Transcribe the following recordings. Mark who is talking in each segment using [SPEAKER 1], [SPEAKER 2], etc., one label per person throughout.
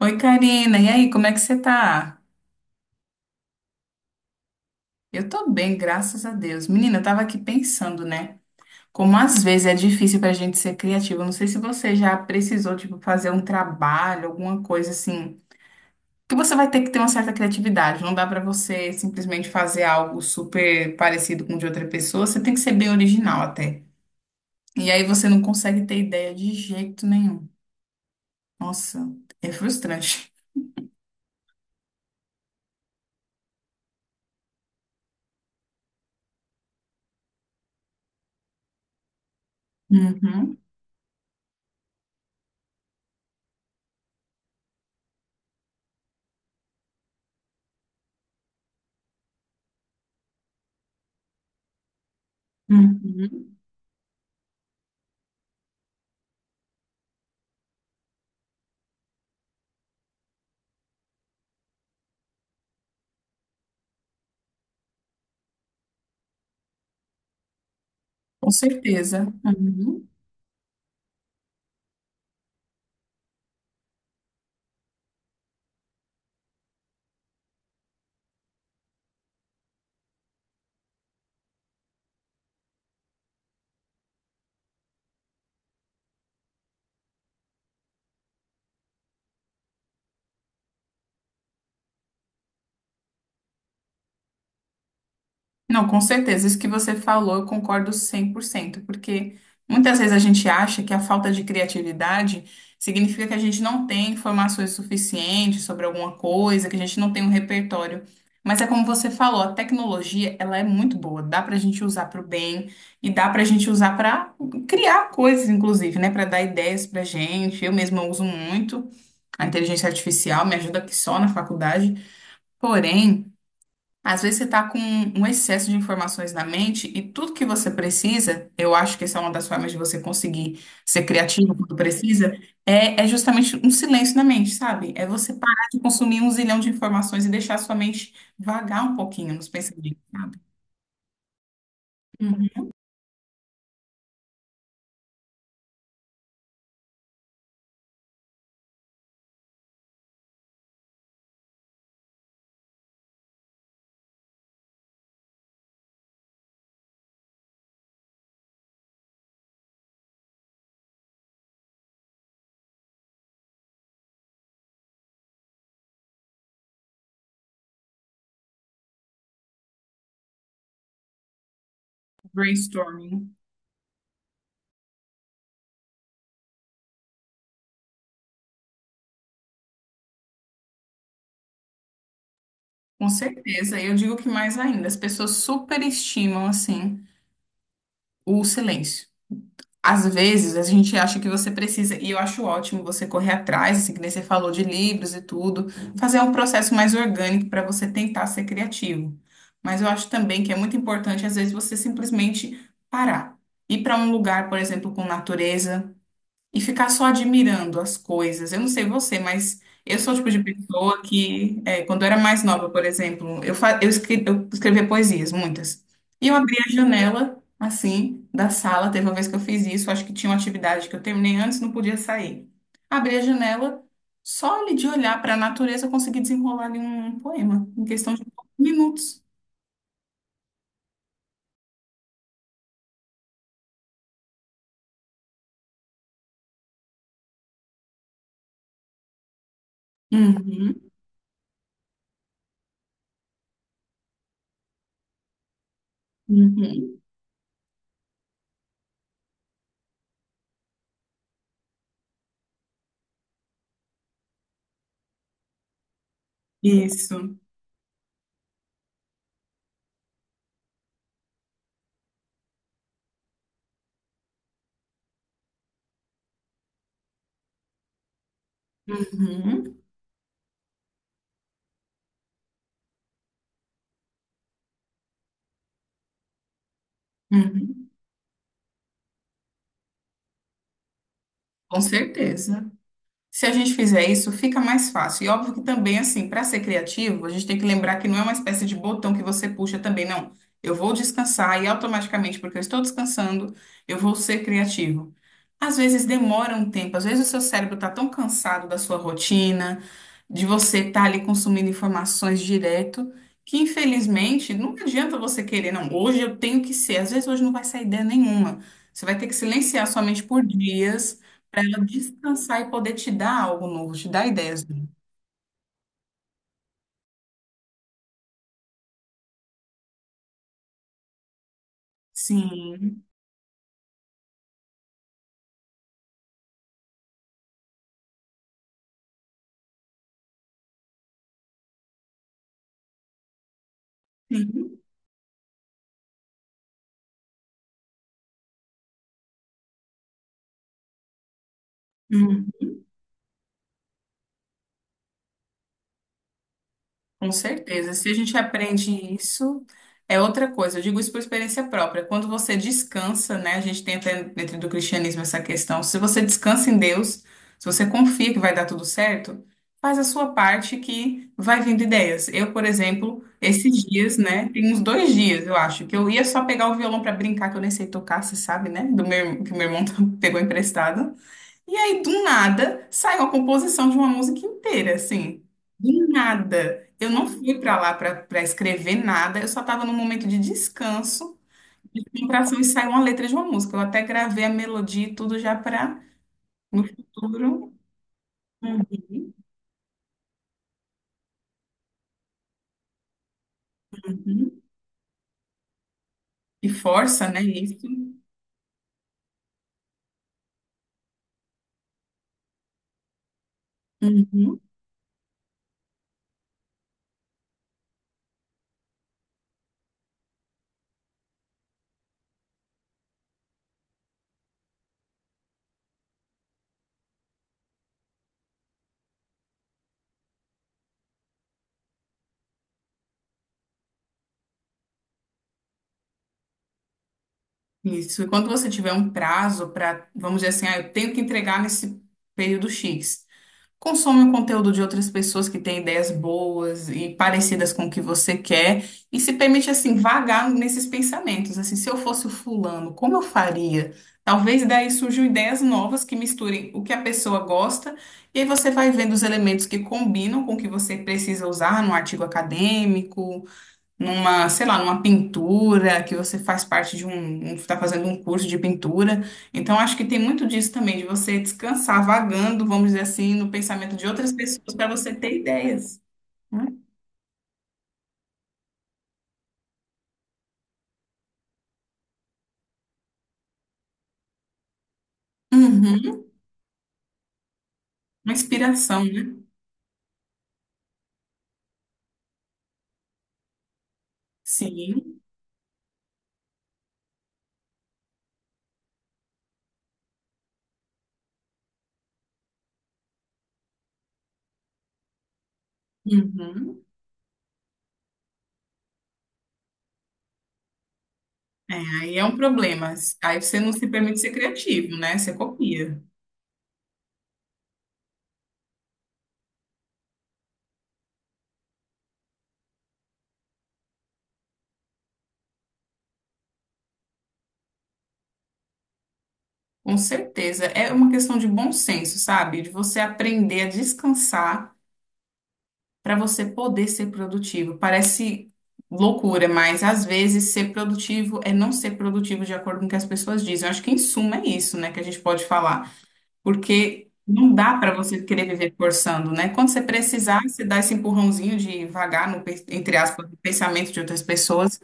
[SPEAKER 1] Oi, Karina. E aí, como é que você tá? Eu tô bem, graças a Deus. Menina, eu tava aqui pensando, né? Como às vezes é difícil pra gente ser criativo. Eu não sei se você já precisou, tipo, fazer um trabalho, alguma coisa assim, que você vai ter que ter uma certa criatividade. Não dá pra você simplesmente fazer algo super parecido com o de outra pessoa. Você tem que ser bem original até. E aí você não consegue ter ideia de jeito nenhum. Nossa, é frustrante. Uhum, uhum. Com certeza. Uhum. Não, com certeza. Isso que você falou, eu concordo 100%, porque muitas vezes a gente acha que a falta de criatividade significa que a gente não tem informações suficientes sobre alguma coisa, que a gente não tem um repertório. Mas é como você falou, a tecnologia, ela é muito boa, dá para a gente usar para o bem e dá para a gente usar para criar coisas, inclusive, né, para dar ideias para gente. Eu mesma uso muito a inteligência artificial, me ajuda aqui só na faculdade. Porém, às vezes você está com um excesso de informações na mente e tudo que você precisa, eu acho que essa é uma das formas de você conseguir ser criativo quando precisa, é justamente um silêncio na mente, sabe? É você parar de consumir um zilhão de informações e deixar a sua mente vagar um pouquinho nos pensamentos, sabe? Uhum. Brainstorming. Com certeza. Eu digo que mais ainda, as pessoas superestimam, assim, o silêncio. Às vezes a gente acha que você precisa, e eu acho ótimo você correr atrás, assim, que nem você falou de livros e tudo, fazer um processo mais orgânico para você tentar ser criativo. Mas eu acho também que é muito importante, às vezes, você simplesmente parar. Ir para um lugar, por exemplo, com natureza, e ficar só admirando as coisas. Eu não sei você, mas eu sou o tipo de pessoa que, é, quando eu era mais nova, por exemplo, eu escrevia poesias, muitas. E eu abria a janela, assim, da sala. Teve uma vez que eu fiz isso, acho que tinha uma atividade que eu terminei antes, não podia sair. Abri a janela, só ali de olhar para a natureza, eu consegui desenrolar ali um poema, em questão de poucos minutos. Uhum, uhum. Isso. Uhum, uhum. Com certeza. Se a gente fizer isso, fica mais fácil. E óbvio que também, assim, para ser criativo, a gente tem que lembrar que não é uma espécie de botão que você puxa também, não. Eu vou descansar e automaticamente, porque eu estou descansando, eu vou ser criativo. Às vezes demora um tempo, às vezes o seu cérebro está tão cansado da sua rotina, de você estar ali consumindo informações direto, que infelizmente não adianta você querer, não, hoje eu tenho que ser. Às vezes hoje não vai sair ideia nenhuma. Você vai ter que silenciar sua mente por dias para ela descansar e poder te dar algo novo, te dar ideias novas. Sim, sim. Com certeza. Se a gente aprende isso, é outra coisa. Eu digo isso por experiência própria. Quando você descansa, né? A gente tem até dentro do cristianismo essa questão. Se você descansa em Deus, se você confia que vai dar tudo certo, faz a sua parte que vai vindo ideias. Eu, por exemplo, esses dias, né? Tem uns dois dias, eu acho, que eu ia só pegar o violão para brincar, que eu nem sei tocar, você sabe, né? Do meu, que meu irmão pegou emprestado. E aí, do nada, saiu a composição de uma música inteira, assim. Do nada. Eu não fui para lá para escrever nada, eu só estava num momento de descanso, de concentração, e saiu uma letra de uma música. Eu até gravei a melodia e tudo já para no futuro. Uhum, uhum. E força, né? Isso. Uhum. Isso. E quando você tiver um prazo para, vamos dizer assim, ah, eu tenho que entregar nesse período X. Consome o conteúdo de outras pessoas que têm ideias boas e parecidas com o que você quer e se permite assim vagar nesses pensamentos, assim, se eu fosse o fulano, como eu faria? Talvez daí surjam ideias novas que misturem o que a pessoa gosta e aí você vai vendo os elementos que combinam com o que você precisa usar no artigo acadêmico, numa, sei lá, numa pintura, que você faz parte de um, está fazendo um curso de pintura. Então, acho que tem muito disso também, de você descansar vagando, vamos dizer assim, no pensamento de outras pessoas para você ter ideias, né? Uhum. Uma inspiração, né? Sim. Uhum. É, aí é um problema. Aí você não se permite ser criativo, né? Você copia. Com certeza. É uma questão de bom senso, sabe? De você aprender a descansar para você poder ser produtivo. Parece loucura, mas às vezes ser produtivo é não ser produtivo de acordo com o que as pessoas dizem. Eu acho que em suma é isso, né, que a gente pode falar, porque não dá para você querer viver forçando, né? Quando você precisar, você dá esse empurrãozinho de vagar entre aspas, no pensamento de outras pessoas.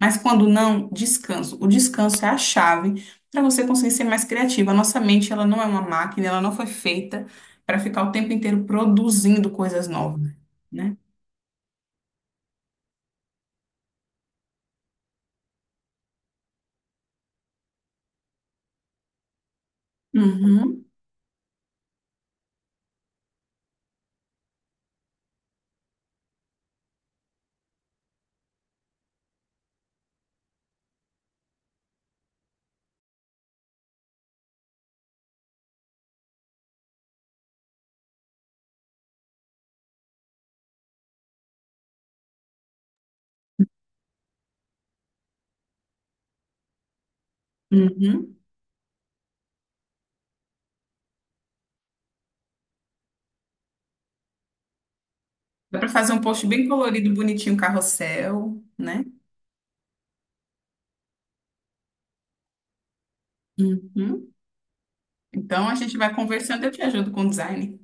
[SPEAKER 1] Mas quando não, descanso. O descanso é a chave para você conseguir ser mais criativo. A nossa mente, ela não é uma máquina, ela não foi feita para ficar o tempo inteiro produzindo coisas novas, né? Uhum, uhum. Dá para fazer um post bem colorido, bonitinho, carrossel, né? Uhum. Então a gente vai conversando, eu te ajudo com o design.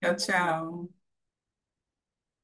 [SPEAKER 1] Tchau, tchau.